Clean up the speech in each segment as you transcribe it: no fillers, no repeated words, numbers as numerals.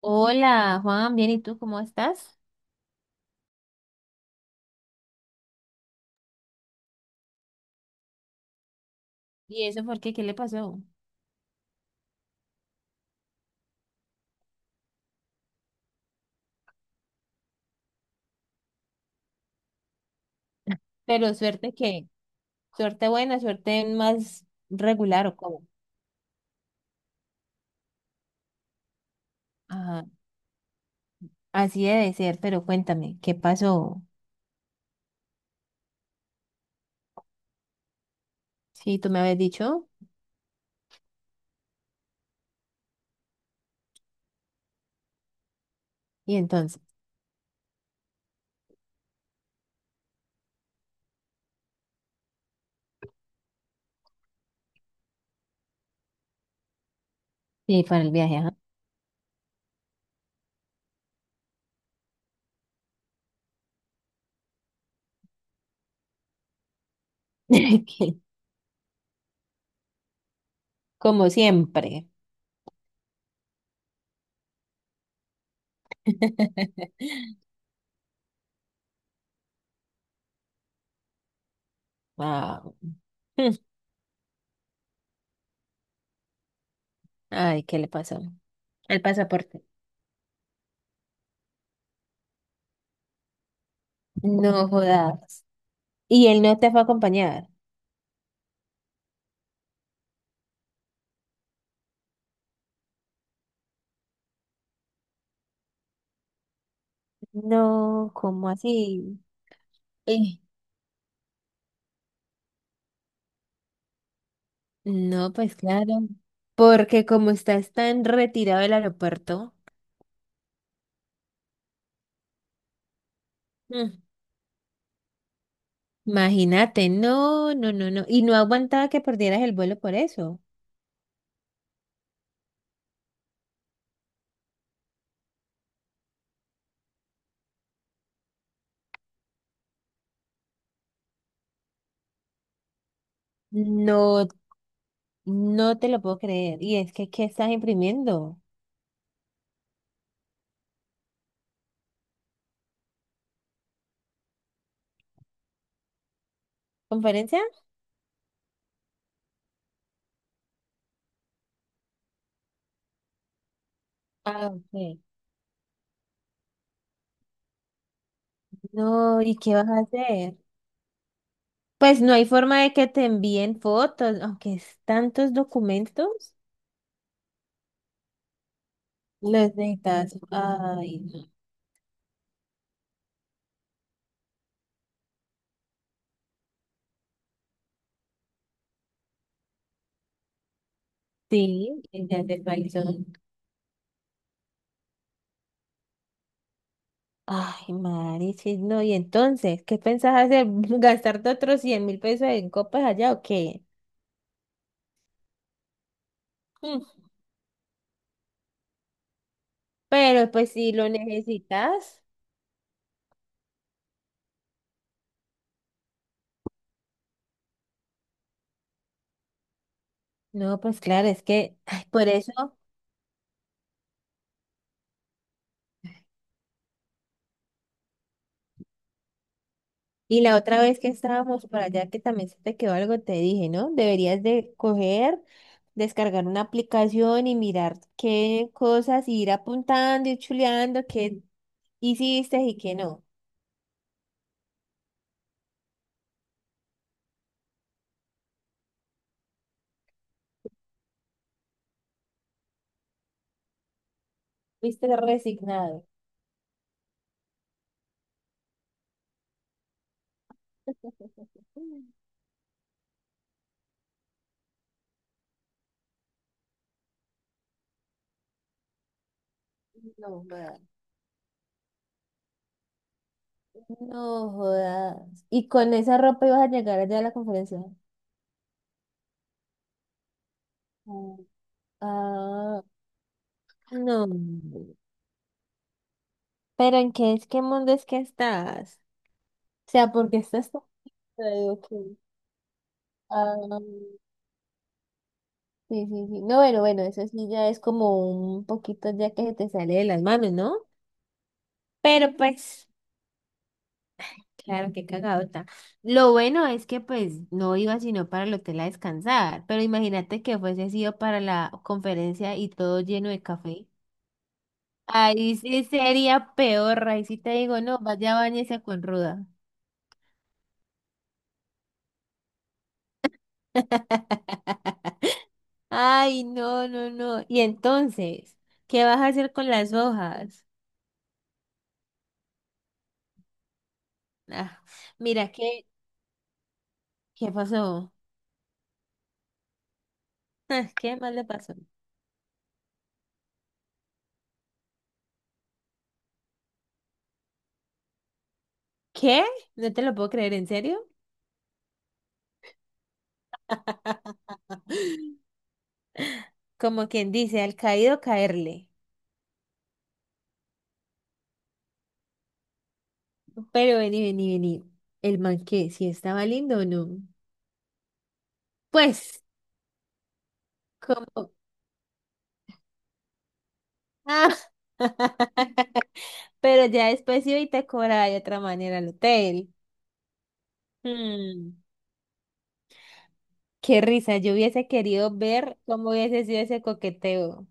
Hola, Juan, bien, ¿y tú cómo estás? ¿Y eso por qué? ¿Qué le pasó? Pero suerte buena, suerte más regular o cómo. Ajá, así debe ser, pero cuéntame, ¿qué pasó? Sí, tú me habías dicho, y entonces, sí, para el viaje, ajá. Que, como siempre. Wow. Ay, ¿qué le pasó? El pasaporte. No jodas. ¿Y él no te fue a acompañar? No, ¿cómo así? No, pues claro, porque como estás tan retirado del aeropuerto, mm, imagínate, no, no, no, no, y no aguantaba que perdieras el vuelo por eso. No, no te lo puedo creer. Y es que, ¿qué estás imprimiendo? ¿Conferencia? Ah, ok. No, ¿y qué vas a hacer? Pues no hay forma de que te envíen fotos, aunque es tantos documentos, los necesitas. Ay, no. Sí, ya te actualizó. Ay, Marichis, no, y entonces, ¿qué pensás hacer? ¿Gastarte otros 100 mil pesos en copas allá o qué? Mm, pero pues si lo necesitas, no, pues claro, es que, ay, por eso, y la otra vez que estábamos por allá, que también se te quedó algo, te dije, ¿no? Deberías de coger, descargar una aplicación y mirar qué cosas, y ir apuntando y chuleando qué hiciste y qué no. Fuiste resignado. Mm, no, no. No jodas. ¿Y con esa ropa ibas a llegar allá a la conferencia? Mm. Ah, no. ¿Pero en qué es qué mundo es que estás? O sea, ¿por qué estás tan digo que... Ah, sí, sí, sí. No, bueno, bueno, eso sí ya es como un poquito ya que se te sale de las manos, ¿no? Pero pues, claro, qué cagadota. Lo bueno es que pues no iba sino para el hotel a descansar, pero imagínate que fuese sido para la conferencia y todo lleno de café. Ahí sí sería peor, ahí sí te digo, no, vaya, báñese con ruda. Ay, no, no, no. Y entonces, ¿qué vas a hacer con las hojas? Ah, mira, ¿qué, qué pasó? Ah, ¿qué más le pasó? ¿Qué? No te lo puedo creer, ¿en serio? Como quien dice, al caído caerle. Pero vení, vení, vení. El man que, si estaba lindo o no. Pues, como. Ah. Pero ya después iba y te cobraba de otra manera el hotel. Mm, qué risa, yo hubiese querido ver cómo hubiese sido ese coqueteo.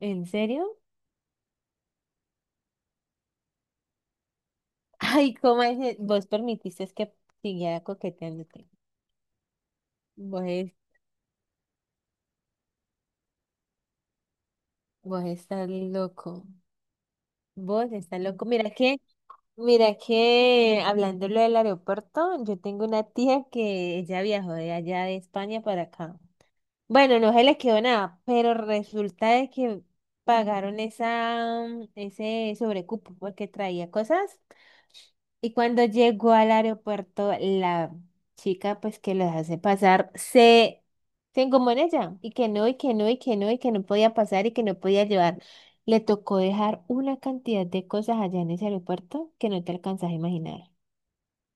¿En serio? Ay, ¿cómo es? Que vos permitiste que siguiera coqueteándote. Vos, vos estás loco. Vos estás loco. Mira que hablándolo del aeropuerto, yo tengo una tía que ella viajó de allá de España para acá. Bueno, no se les quedó nada, pero resulta de que pagaron ese sobrecupo porque traía cosas y cuando llegó al aeropuerto la chica pues que los hace pasar se engomó en ella y que no y que no y que no y que no podía pasar y que no podía llevar. Le tocó dejar una cantidad de cosas allá en ese aeropuerto que no te alcanzas a imaginar.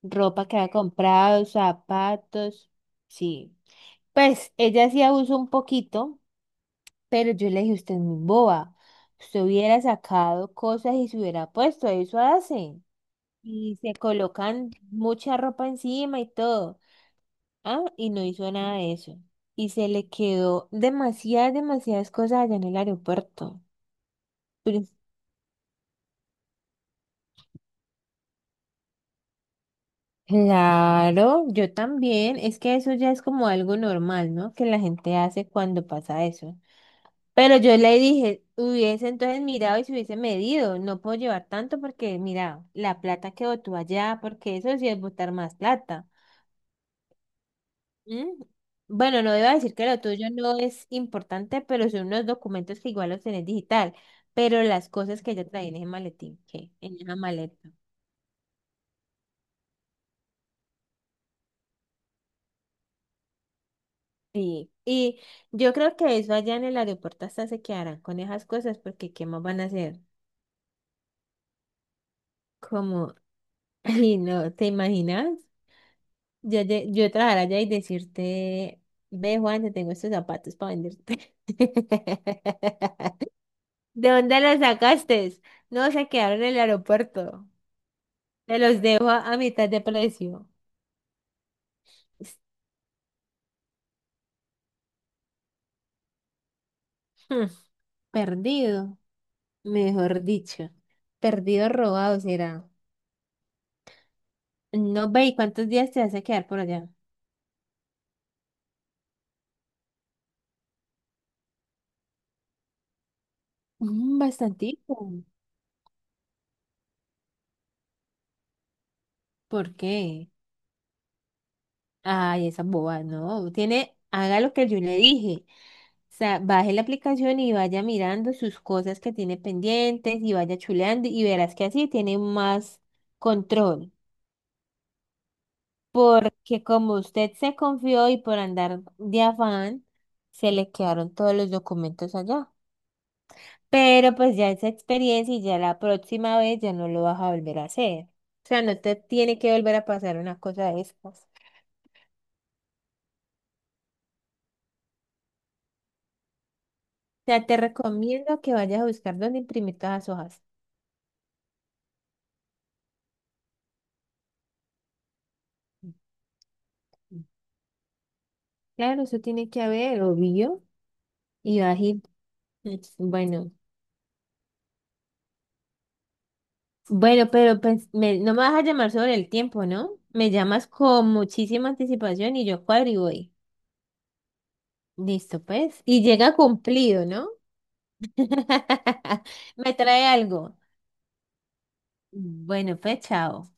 Ropa que había comprado, zapatos, sí. Pues ella sí abusó un poquito pero yo le dije, usted es muy boba. Usted hubiera sacado cosas y se hubiera puesto, eso hace. Y se colocan mucha ropa encima y todo. Ah, y no hizo nada de eso. Y se le quedó demasiadas, demasiadas cosas allá en el aeropuerto. Pero... Claro, yo también. Es que eso ya es como algo normal, ¿no? Que la gente hace cuando pasa eso. Pero yo le dije, hubiese entonces mirado y se hubiese medido, no puedo llevar tanto porque, mira, la plata que botó allá, porque eso sí es botar más plata. ¿Mm? Bueno, no debo decir que lo tuyo no es importante, pero son unos documentos que igual los tenés digital, pero las cosas que yo traía en ese maletín, que en esa maleta. Sí, y yo creo que eso allá en el aeropuerto hasta se quedarán con esas cosas porque ¿qué más van a hacer? Como, ay no, ¿te imaginas? Yo, yo trabajar allá y decirte, ve Juan, te tengo estos zapatos para venderte. ¿De dónde los sacaste? No, se quedaron en el aeropuerto. Te los dejo a mitad de precio. Hmm, perdido, mejor dicho. Perdido robado será. No ve, ¿y cuántos días te vas a quedar por allá? Mm, bastantico. ¿Por qué? Ay, esa boba, no. Tiene, haga lo que yo le dije. O sea, baje la aplicación y vaya mirando sus cosas que tiene pendientes y vaya chuleando y verás que así tiene más control. Porque como usted se confió y por andar de afán, se le quedaron todos los documentos allá. Pero pues ya esa experiencia y ya la próxima vez ya no lo vas a volver a hacer. O sea, no te tiene que volver a pasar una cosa de estas. O sea, te recomiendo que vayas a buscar dónde imprimir todas las hojas. Claro, eso tiene que haber, obvio. Y vas a ir. Bueno, bueno, pero pues, no me vas a llamar sobre el tiempo, ¿no? Me llamas con muchísima anticipación y yo cuadro y voy. Listo, pues. Y llega cumplido, ¿no? Me trae algo. Bueno, pues, chao.